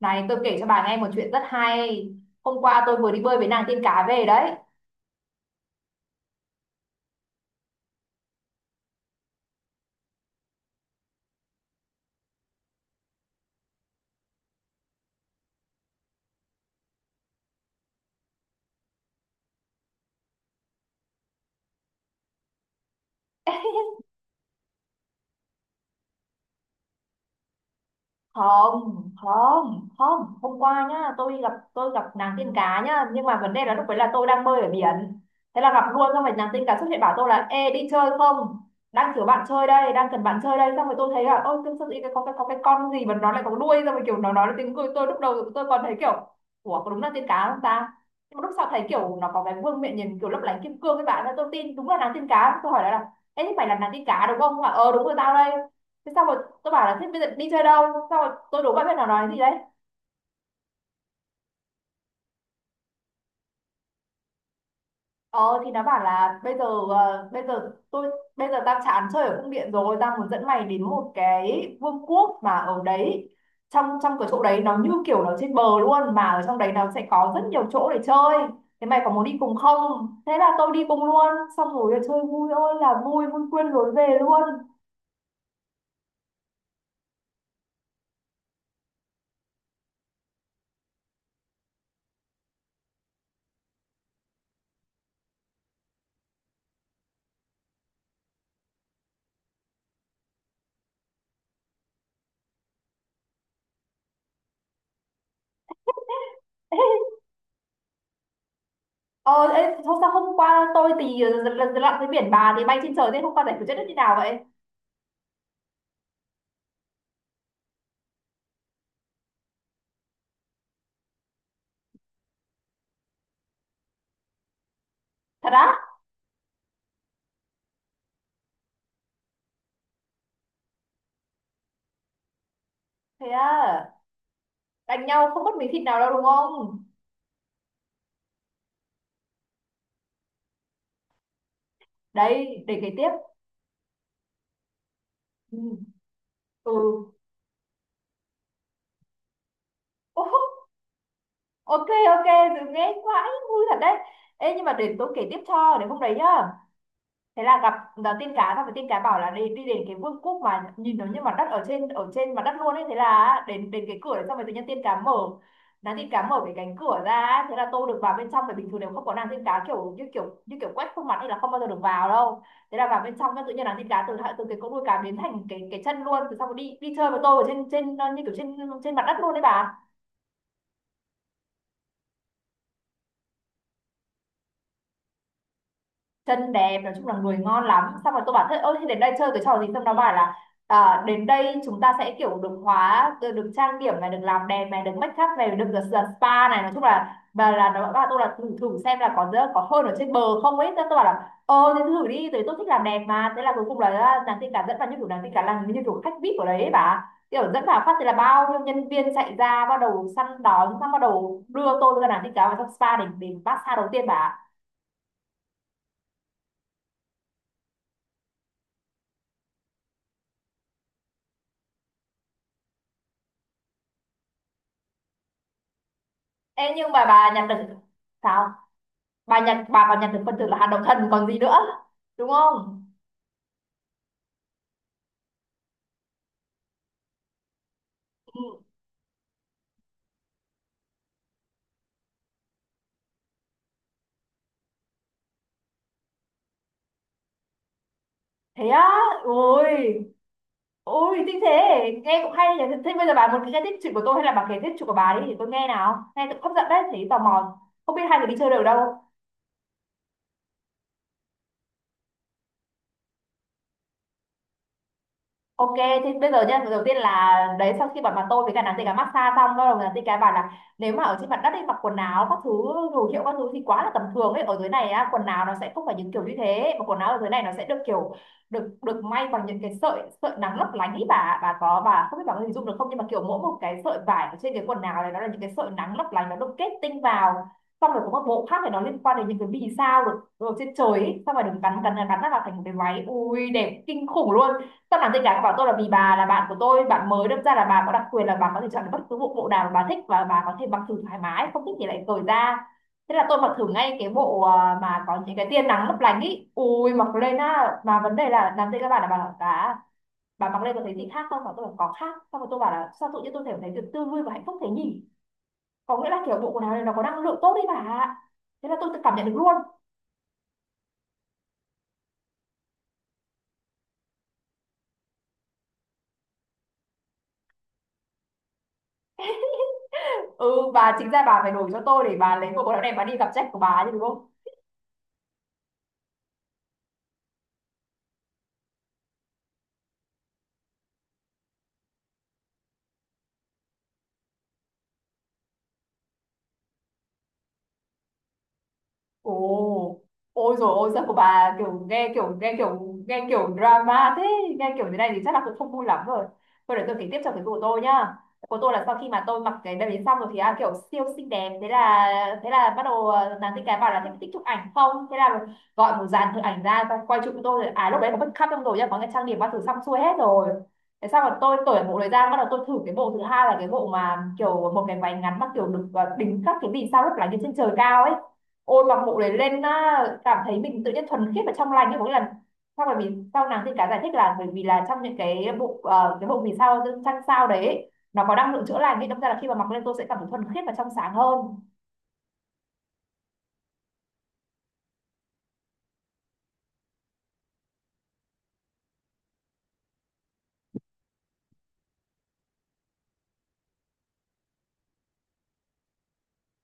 Này tôi kể cho bà nghe một chuyện rất hay. Hôm qua tôi vừa đi bơi với nàng tiên cá về đấy. Không, không, không, hôm qua nhá, tôi gặp nàng tiên cá nhá, nhưng mà vấn đề là lúc đấy là tôi đang bơi ở biển, thế là gặp luôn. Xong rồi nàng tiên cá xuất hiện bảo tôi là ê đi chơi không, đang kiểu bạn chơi đây, đang cần bạn chơi đây. Xong rồi tôi thấy là ôi tương sao, cái có cái có cái con gì mà nó lại có đuôi, xong rồi kiểu nó nói là tiếng cười, tôi lúc đầu tôi còn thấy kiểu ủa có đúng là tiên cá không ta. Nhưng mà lúc sau thấy kiểu nó có cái vương miện nhìn kiểu lấp lánh kim cương các bạn, nên tôi tin đúng là nàng tiên cá. Tôi hỏi lại là ê thế phải là nàng tiên cá đúng không, nó đúng rồi tao đây. Thế xong rồi tôi bảo là thế bây giờ đi chơi đâu, xong rồi tôi đố bạn biết nó nói gì đấy. Ờ thì nó bảo là bây giờ, bây giờ tôi bây giờ tao chán chơi ở cung điện rồi, tao muốn dẫn mày đến một cái vương quốc mà ở đấy, trong trong cái chỗ đấy nó như kiểu nó trên bờ luôn, mà ở trong đấy nó sẽ có rất nhiều chỗ để chơi, thế mày có muốn đi cùng không. Thế là tôi đi cùng luôn, xong rồi chơi vui ơi là vui, vui quên lối về luôn. Ờ Ê, thôi sao hôm qua tôi thì lần lần lặn dưới biển, bà thì bay trên trời, thế hôm qua giải quyết chết như thế nào vậy? Thật á? Thế à? Đánh nhau không mất miếng thịt nào đâu đúng không? Đấy để kể tiếp. Ừ, ừ. Ô, ok ok, dừng nghe quá, vui thật đấy. Ê nhưng mà để tôi kể tiếp cho, để hôm đấy nhá, thế là gặp là tiên cá, gặp với tiên cá bảo là đi đi đến cái vương quốc mà nhìn nó như mặt đất, ở trên mặt đất luôn ấy. Thế là đến đến cái cửa đấy, xong rồi tự nhiên tiên cá mở nàng tiên cá mở cái cánh cửa ra ấy. Thế là tôi được vào bên trong, bởi bình thường nếu không có nàng tiên cá kiểu như kiểu quét khuôn mặt thì là không bao giờ được vào đâu. Thế là vào bên trong cái tự nhiên nàng tiên cá từ từ cái cỗ đuôi cá biến thành cái chân luôn. Từ xong rồi đi đi chơi với tôi ở trên trên như kiểu trên trên mặt đất luôn đấy bà. Chân đẹp, nói chung là người ngon lắm. Xong rồi tôi bảo thế ôi thế đến đây chơi cái trò gì, xong nó bảo là đến đây chúng ta sẽ kiểu được trang điểm này, được làm đẹp này, được make up này, được được, được spa này, nói chung là. Và là nó bảo tôi là thử thử xem là có hơn ở trên bờ không ấy. Thế tôi bảo là ờ thế thử đi, tại tôi thích làm đẹp mà. Thế là cuối cùng là nàng tin cả dẫn vào như kiểu nàng tin cả là như kiểu khách VIP ở đấy ấy bà, kiểu dẫn vào phát thì là bao nhiêu nhân viên chạy ra bắt đầu săn đón, xong bắt đầu đưa tôi ra nàng tin cả vào trong spa để massage đầu tiên bà. Ê, nhưng mà bà nhặt được sao? Bà nhặt, bà còn nhặt được phần thưởng là hạt đậu thần còn gì nữa? Đúng không? Ừ. Thế á? Ôi, ôi thích thế. Nghe cũng hay nhỉ. Thế bây giờ bà muốn nghe tiếp chuyện của tôi hay là bà kể tiếp chuyện của bà đi để tôi nghe nào. Nghe cũng hấp dẫn đấy, thấy tò mò. Không biết hai người đi chơi được đâu. Ok, thế bây giờ nhá, đầu tiên là đấy sau khi bọn bà tôi với cả nàng tây cá massage xong, bắt đầu nàng tây cá bảo là nếu mà ở trên mặt đất ấy mặc quần áo các thứ đồ hiệu các thứ thì quá là tầm thường ấy. Ở dưới này á, quần áo nó sẽ không phải những kiểu như thế, mà quần áo ở dưới này nó sẽ được kiểu được được may bằng những cái sợi sợi nắng lấp lánh ấy bà. Bà có Bà không biết bà có hình dung được không, nhưng mà kiểu mỗi một cái sợi vải ở trên cái quần áo này nó là những cái sợi nắng lấp lánh, nó được kết tinh vào. Xong rồi có một bộ khác thì nó liên quan đến những cái vì sao được trên trời ấy. Xong rồi được gắn gắn gắn nó vào thành một cái váy ui đẹp kinh khủng luôn. Không làm gì cả, bảo tôi là vì bà là bạn của tôi, bạn mới đâm ra là bà có đặc quyền, là bà có thể chọn được bất cứ bộ bộ nào mà bà thích, và bà có thể mặc thử thoải mái, không thích thì lại cởi ra. Thế là tôi mặc thử ngay cái bộ mà có những cái tia nắng lấp lánh ý. Ui mặc lên á, mà vấn đề là làm gì các bạn, là bà bảo bà mặc lên có thấy gì khác không, và tôi bảo có khác. Xong rồi tôi bảo là sao tự nhiên tôi thể thấy được tươi vui và hạnh phúc thế nhỉ, có nghĩa là kiểu bộ quần áo này nó có năng lượng tốt đấy bà ạ. Thế là tôi tự cảm nhận được luôn. Ừ bà, chính ra bà phải đổi cho tôi, để bà lấy bộ quần áo này bà đi gặp sếp của bà chứ đúng không. Ồ, ôi rồi ôi sao của bà kiểu nghe kiểu drama thế, nghe kiểu thế này thì chắc là cũng không vui lắm rồi. Thôi để tôi kể tiếp cho cái của tôi nhá. Của tôi là sau khi mà tôi mặc cái đầm đến xong rồi thì kiểu siêu xinh đẹp. Thế là bắt đầu nàng tin cái bảo là thích thích chụp ảnh không, thế là gọi một dàn thợ ảnh ra và quay chụp cho tôi. À lúc đấy có make up trong rồi nhá, có cái trang điểm bao thứ xong xuôi hết rồi. Thế xong rồi tôi cởi bộ đấy ra, bắt đầu tôi thử cái bộ thứ hai là cái bộ mà kiểu một cái váy ngắn mà kiểu được đính các cái vì sao lấp lánh ở trên trời cao ấy. Ôi mặc bộ đấy lên á, cảm thấy mình tự nhiên thuần khiết và trong lành như có nghĩa là sau này mình, sau nàng tiên cá giải thích là bởi vì là trong những cái bộ cái bộ vì sao trăng sao đấy ấy, nó có năng lượng chữa lành, nên đâm ra là khi mà mặc lên tôi sẽ cảm thấy thuần khiết và trong sáng hơn.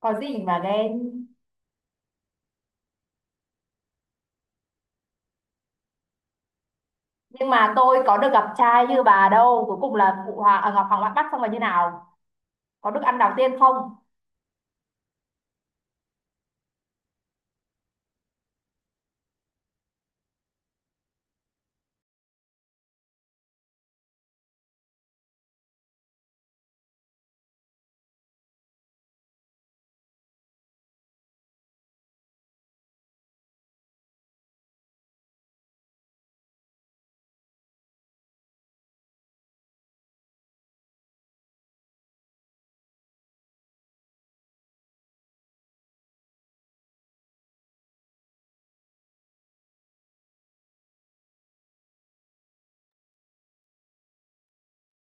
Có gì mà ghen. Nhưng mà tôi có được gặp trai như bà đâu, cuối cùng là phụ hoàng Ngọc Hoàng Ngoại Bắc xong là như nào, có được ăn đào tiên không?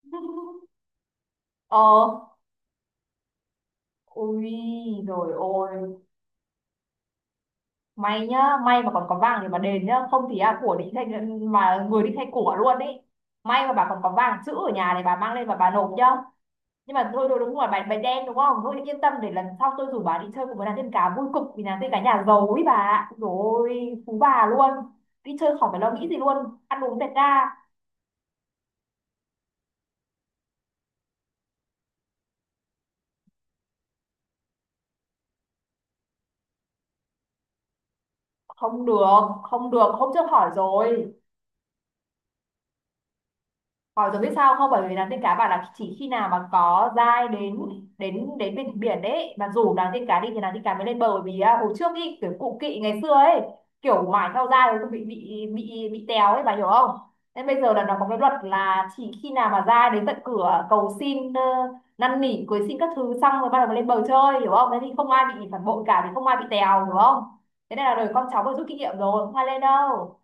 Ờ, ui rồi ôi, may nhá, may mà còn có vàng thì mà đền nhá, không thì của đi thành mà người đi thay của luôn ấy. May mà bà còn có vàng chữ ở nhà, này bà mang lên và bà nộp nhá. Nhưng mà thôi thôi đúng rồi, bài bài đen đúng không, thôi yên tâm, để lần sau tôi rủ bà đi chơi cùng với nàng tiên cá vui cực, vì nàng tiên cá nhà giàu ấy bà ạ, rồi phú bà luôn. Đi chơi khỏi phải lo nghĩ gì luôn, ăn uống tẹt ga. Không được, hôm trước hỏi rồi. Hỏi rồi biết sao không? Bởi vì nàng tiên cá bảo là chỉ khi nào mà có dai đến đến đến bên biển đấy mà rủ nàng tiên cá đi thì nàng tiên cá mới lên bờ, bởi vì hồi trước ý, kiểu cụ kỵ ngày xưa ấy kiểu mãi theo dai rồi bị téo ấy bà hiểu không? Nên bây giờ là nó có cái luật là chỉ khi nào mà dai đến tận cửa cầu xin năn nỉ cưới xin các thứ xong rồi bắt đầu mới lên bờ chơi, hiểu không? Thế thì không ai bị phản bội cả, thì không ai bị téo, hiểu không? Thế nên là đời con cháu vừa rút kinh nghiệm rồi không ai lên đâu.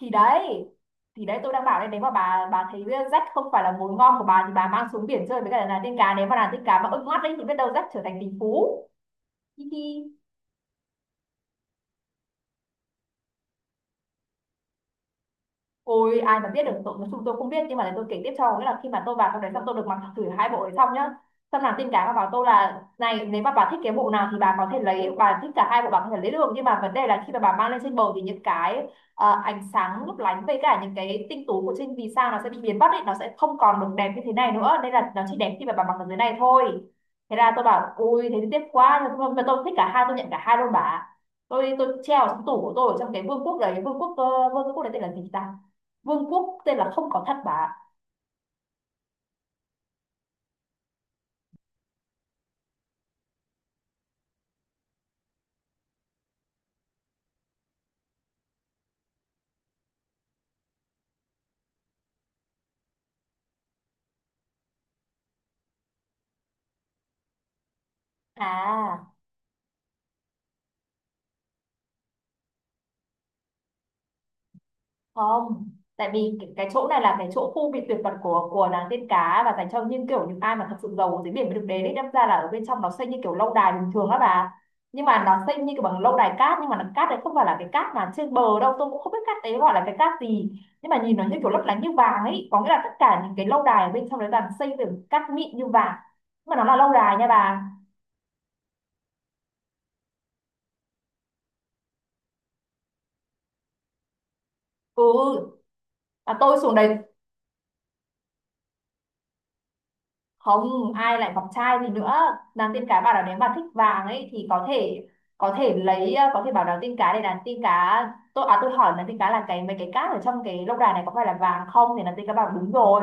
thì đấy thì đấy, tôi đang bảo đây, nếu mà bà thấy rách không phải là mồi ngon của bà thì bà mang xuống biển chơi với cả là tiên cá. Nếu mà là tiên cá mà ưng mắt đấy thì biết đâu rách trở thành tỷ phú, hi hi. Ôi ai mà biết được, tụi chúng tôi không biết, nhưng mà để tôi kể tiếp cho. Nghĩa là khi mà tôi vào trong đấy xong tôi được mặc thử hai bộ đấy xong nhá. Xong nàng tin cá bà bảo tôi là này, nếu mà bà thích cái bộ nào thì bà có thể lấy, bà thích cả hai bộ bà có thể lấy được, nhưng mà vấn đề là khi mà bà mang lên trên bờ thì những cái ánh sáng lấp lánh với cả những cái tinh tú của trên vì sao nó sẽ bị biến mất ấy, nó sẽ không còn được đẹp như thế này nữa, nên là nó chỉ đẹp khi mà bà mặc ở dưới này thôi. Thế là tôi bảo ui thế thì tiếc quá, nhưng mà tôi thích cả hai, tôi nhận cả hai luôn bà. Tôi treo ở trong tủ của tôi ở trong cái vương quốc đấy, vương quốc vương quốc đấy tên là gì ta. Vương quốc tên là không có thật bà à. Không, tại vì cái chỗ này là cái chỗ khu bị tuyệt mật của nàng tiên cá và dành cho những kiểu những ai mà thật sự giàu dưới biển mới được đến đấy, đâm ra là ở bên trong nó xây như kiểu lâu đài bình thường á bà. Nhưng mà nó xây như kiểu bằng lâu đài cát, nhưng mà nó cát đấy không phải là cái cát mà trên bờ đâu, tôi cũng không biết cát đấy gọi là cái cát gì, nhưng mà nhìn nó như kiểu lấp lánh như vàng ấy. Có nghĩa là tất cả những cái lâu đài ở bên trong đấy là xây từ cát mịn như vàng, nhưng mà nó là lâu đài nha bà. Ừ, mà tôi xuống đấy không ai lại ngọc trai gì nữa. Nàng tiên cá bảo là nếu mà thích vàng ấy thì có thể lấy, có thể bảo nàng tiên cá để nàng tiên cá. Tôi à, tôi hỏi nàng tiên cá là cái mấy cái cát ở trong cái lâu đài này có phải là vàng không, thì nàng tiên cá bảo đúng rồi.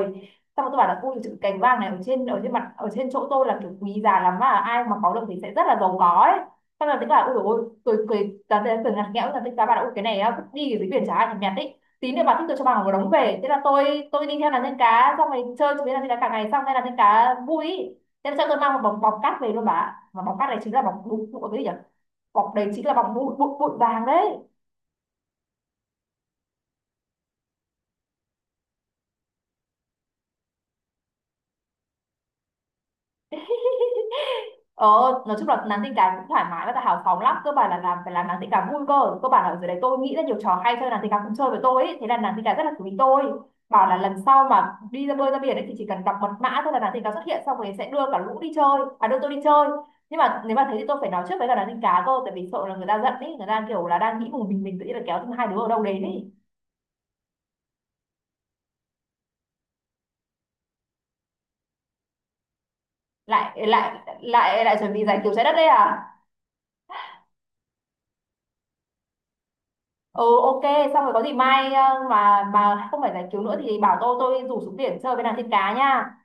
Xong rồi tôi bảo là ui chữ cành vàng này ở trên mặt ở trên chỗ tôi là kiểu quý giá lắm, mà ai mà có được thì sẽ rất là giàu có ấy. Xong rồi nàng tiên cá bảo ui dồi ôi, tôi cười, nàng tiên cá cười ngặt nghẽo, nàng tiên cá bảo là ui cái này á vứt đi, cái dưới biển chả ai thèm nhặt ý, tí nữa bà thích tôi cho bà một đống về. Thế là tôi đi theo nàng tiên cá xong rồi chơi với nàng tiên cá cả ngày xong nên nàng tiên cá vui ý. Thế là cho tôi mang một bọc bọc cát về luôn bà ạ. Mà bọc cát này chính là bọc bụi, bụi cái gì nhỉ. Bọc đấy chính là bọc bụi, bụi vàng đấy. Ờ, nói chung là nàng tình cảm cũng thoải mái và hào phóng lắm, cơ bản là phải làm nàng tình cảm vui. Cơ cơ bản là ở dưới đấy tôi nghĩ ra nhiều trò hay chơi, nàng tình cảm cũng chơi với tôi ấy, thế là nàng tình cảm rất là quý tôi, bảo là lần sau mà đi ra bơi ra biển ấy thì chỉ cần đọc mật mã thôi là nàng tình cảm xuất hiện xong rồi sẽ đưa cả lũ đi chơi, à đưa tôi đi chơi. Nhưng mà nếu mà thế thì tôi phải nói trước với cả nàng tình cá cơ, tại vì sợ là người ta giận ấy, người ta kiểu là đang nghĩ một mình tự nhiên là kéo thêm hai đứa ở đâu đến ấy. Lại lại lại lại chuẩn bị giải cứu trái đất đây à? Ừ, ok. Xong rồi có gì mai mà không phải giải cứu nữa thì bảo tôi rủ xuống biển chơi với nàng tiên cá nha.